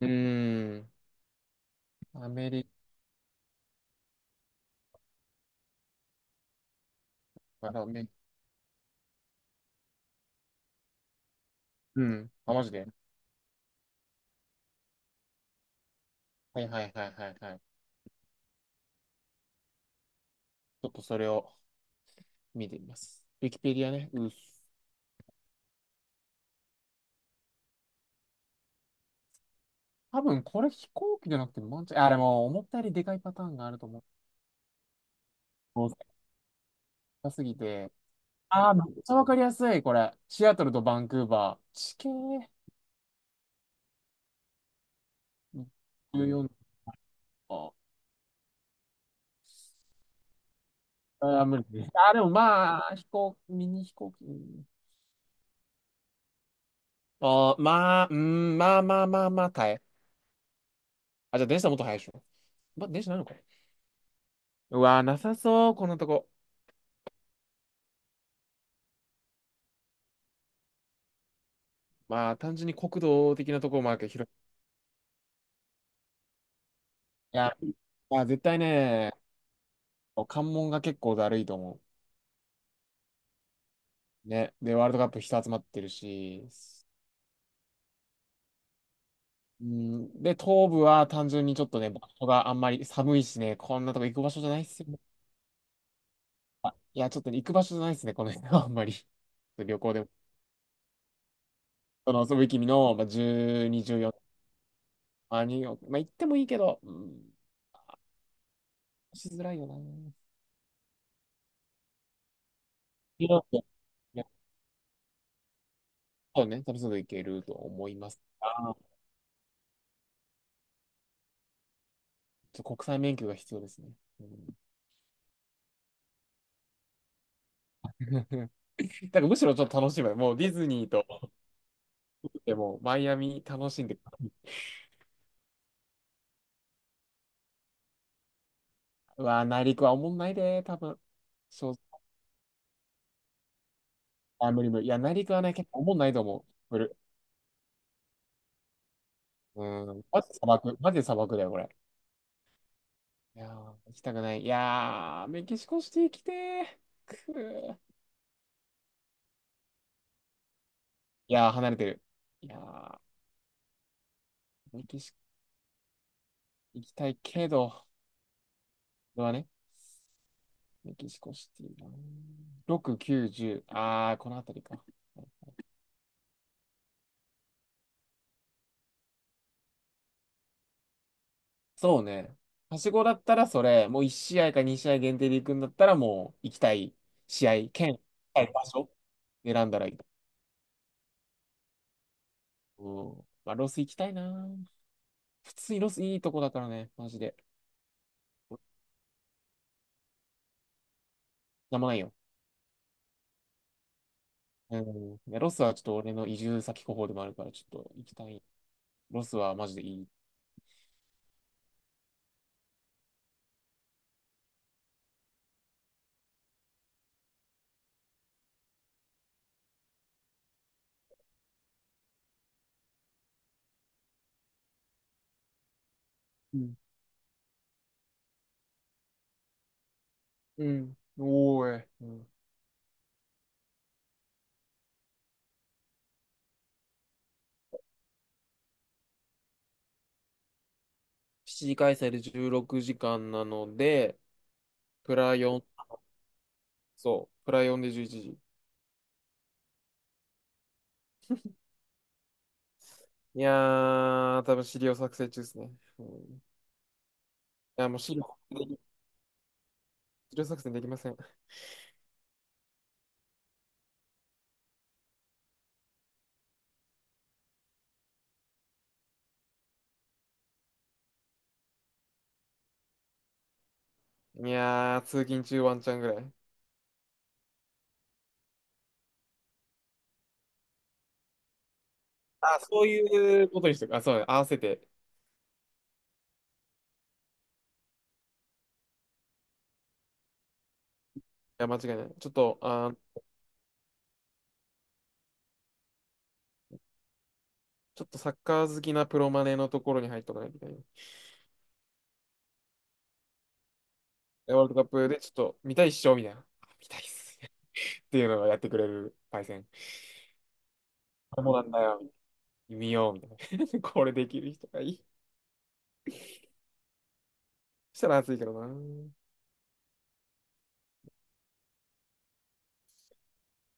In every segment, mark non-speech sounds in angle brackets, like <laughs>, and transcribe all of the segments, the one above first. うーん。アメリカだ、うん。あ、マジで。はいはいはいはいはい。ちょっとそれを見てみます。ウィキペディアね。うっす。多分これ飛行機じゃなくてマンチ、あ、でも思ったよりでかいパターンがあると思う。もう高すぎて。あー、めっちゃわかりやすい、これ。シアトルとバンクーバー。地形14か。あー、無理。あー、でもまあ、ミニ飛行機。あー、まあ、うーん、まあまあまあまあ、耐え。あ、じゃあ電車もっと速いでしょ。ま、電車なのか。うわー、なさそう、このとこ。まあ、単純に国土的なところもあるけど、広い。いや、まあ、絶対ね、関門が結構だるいと思う。ね。で、ワールドカップ人集まってるし、うん、で、東部は単純にちょっとね、場所があんまり寒いしね、こんなとこ行く場所じゃないっすよ。まあいや、ちょっとね、行く場所じゃないっすね、この辺はあんまり。<laughs> 旅行でも。その、遊ぶ君の、まあ、12、14、まあ、にまあ、行ってもいいけど、うん、しづらいよな。いやいや、そうね、楽しんでいけると思います。あー、ちょっと国際免許が必要ですね。うん。 <laughs> だからむしろちょっと楽しむ。もうディズニーと、でもマイアミ楽しんで。うわー、内陸はおもんないで、多分。そう、あ、無理無理。いや、内陸はね、結構おもんないと思う。無理。うん。マジで砂漠、マジで砂漠だよ、これ。いやー、行きたくない。いやー、メキシコシティ来てー。くー。いやー、離れてる。いやー、メキシコ行きたいけど、これはね、メキシコシティなー。6、9、0、あー、この辺りか。そうね。はしごだったらそれ、もう1試合か2試合限定で行くんだったら、もう行きたい試合、兼、行きたい場所選んだらいい。うん。まあ、ロス行きたいな。普通にロスいいとこだからね、マジで。なんもないよ。うん。ね、ロスはちょっと俺の移住先候補でもあるから、ちょっと行きたい。ロスはマジでいい。うん。うん。おーい。うん。7時開催で16時間なので、プラ4、そう、プラ4で11時。いやー、多分資料作成中ですね。うん、いや、もう資料作成できません。いやー、通勤中ワンチャンぐらい。あ、そういうことにしてる。あ、そうだね、合わせて。いや、間違いない。ちょっとサッカー好きなプロマネのところに入っとかないといけない。でワールドカップでちょっと見たいっしょみたいな。あ、見たいっす。<laughs> っていうのをやってくれるパイセン。そうなんだよ。見ようみたいな。<laughs> これできる人がいい。そしたら熱いけどな。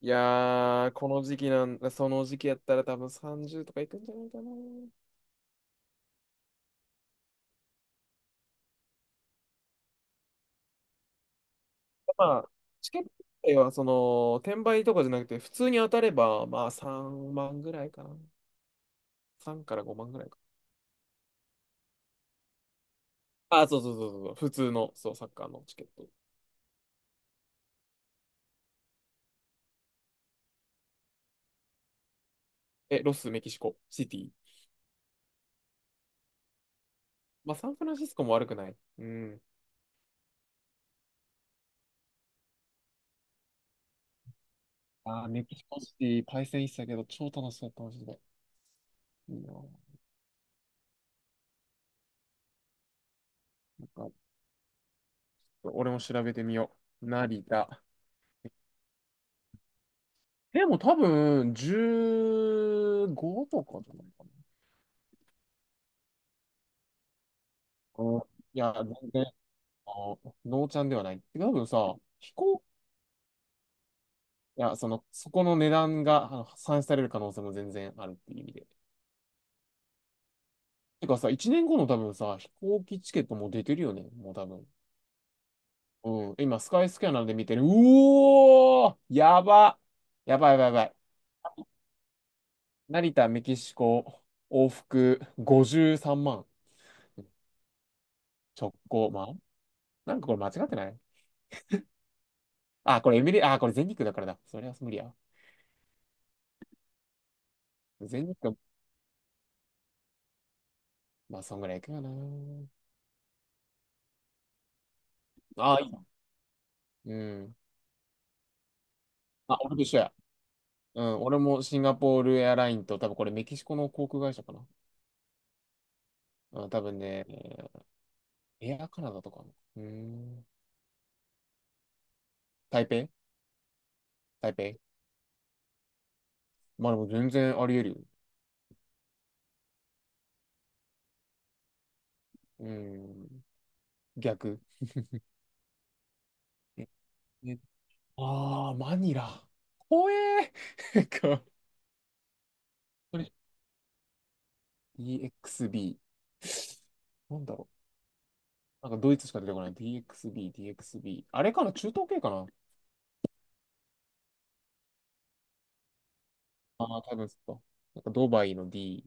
いやー、この時期なん、その時期やったら多分30とかいくんじゃないかな。まあ、チケットはその、転売とかじゃなくて、普通に当たれば、まあ3万ぐらいかな。3から5万ぐらいか。あ、そうそうそうそうそう、普通の、そう、サッカーのチケット。え、ロス、メキシコ、シティ。まあ、サンフランシスコも悪くない。うん。あー、メキシコシティ、対戦したけど、超楽しかった、マジで。いいな。なんか、俺も調べてみよう。成田。でも多分、15とかじゃないかな。うん、いや、全然、あのノーチャンではない。多分さ、飛行、いや、その、そこの値段があの算出される可能性も全然あるっていう意味で。てかさ、1年後の多分さ、飛行機チケットもう出てるよね、もう多分。うん、今、スカイスキャナーで見てる。うおー、やばいやばいやばい。成田、メキシコ、往復53万。直行。まあ、なんかこれ間違ってない。あ、これエミリ、あ、これ全日空だからだ。それは無理や。全日空、まあ、そんぐらい行くよな。あ、いい。うん。あ、俺と一緒や。うん、俺もシンガポールエアラインと、多分これメキシコの航空会社かな。うん、多分ね、エアカナダとかの。うん。台北。台北、まあでも全然あり得るよ。うん。逆。え、え、ああ、マニラ。怖えー。<laughs> なんか、これ EXB。なんだろう。なんかドイツしか出てこない。DXB、DXB。あれかな、中東系かな。ああー、多分そっか。なんかドバイの D。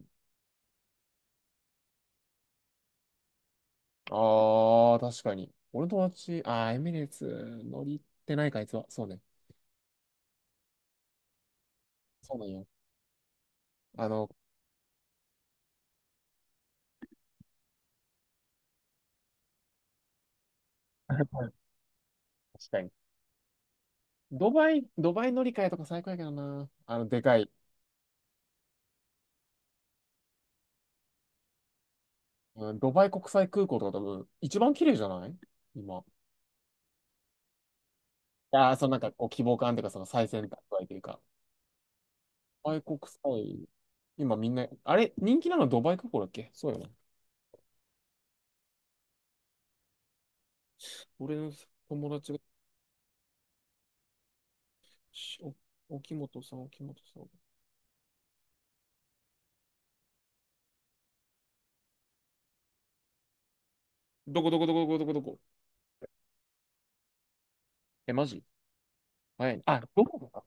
ああ、確かに。俺の友達、ああ、エミレーツ乗りってないか、あいつは。そうね。そうなんよ。あの、<laughs> 確かに。ドバイ乗り換えとか最高やけどな。でかい。うん、ドバイ国際空港とか多分、一番綺麗じゃない今。ああ、そのなんか、こう、希望感というか、その最先端具合というか。ドバイ国際、今みんな、あれ、人気なのドバイ空港だっけ。そうよね。俺の友達が、しお、沖本さん、沖本さん。どこどこどこどこどこどこ。え、マジ早いね。あ、どこか。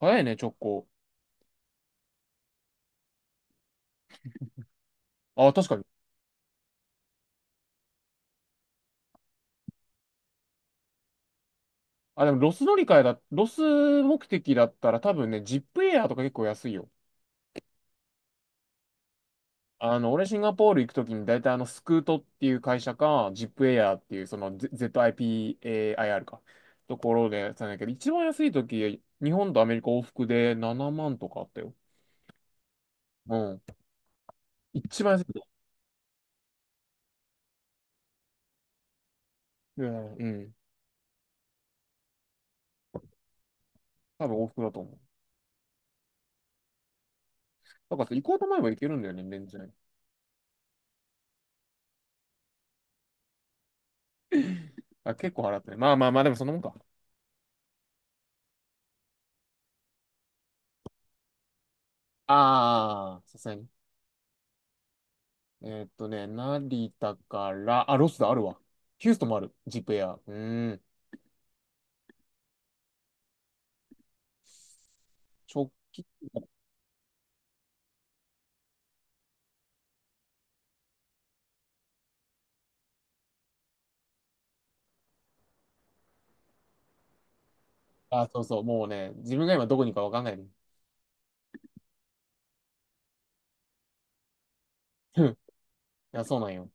早いね、直行。あ、確かに。あ、でもロス乗り換えだ、ロス目的だったら多分ね、ジップエアーとか結構安いよ。俺シンガポール行くときに大体スクートっていう会社か、ジップエアーっていうその ZIPAIR か、ところでやってたんだけど、一番安いとき、日本とアメリカ往復で7万とかあったよ。うん。一番安いとき。うん。うん、多分往復だと思う。なんか行こうと思えば行けるんだよね、全然。あ、結構払ってね。まあまあまあ、でもそんなもんか。ああ、さすがに。成田から、あ、ロスだ、あるわ。ヒューストンもある、ジップエア。うーん。直帰。あ、そうそう、もうね、自分が今どこにいるかわかんないね。うん、いや、そうなんよ。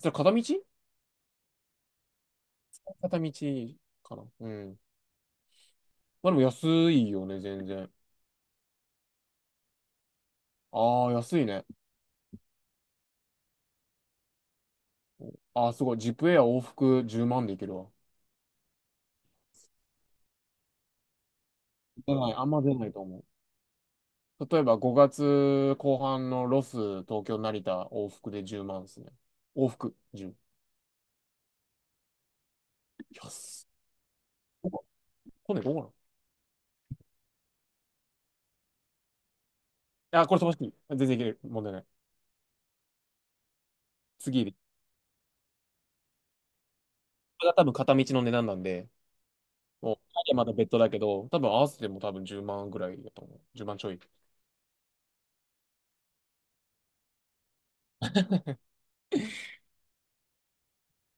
それ片道かな。うん。まあでも安いよね、全然。ああ、安いね。ああ、すごい。ジップエア往復10万でいけるわ。出ない、あんま出ないと思う。例えば5月後半のロス、東京、成田、往復で10万ですね。往復10。安っ。こここね、どうなの。あ、これ飛ばしていい。全然いける。問題ない。次で。これが多分片道の値段なんで、もう、帰りはまだ別途だけど、多分合わせても多分10万ぐらいだと思う。10万ちょい。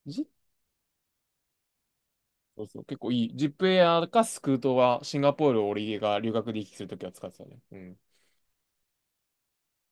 ジそうそう、結構いい。ジップエアかスクートはシンガポールを俺が留学で行き来するときは使ってたね。うん。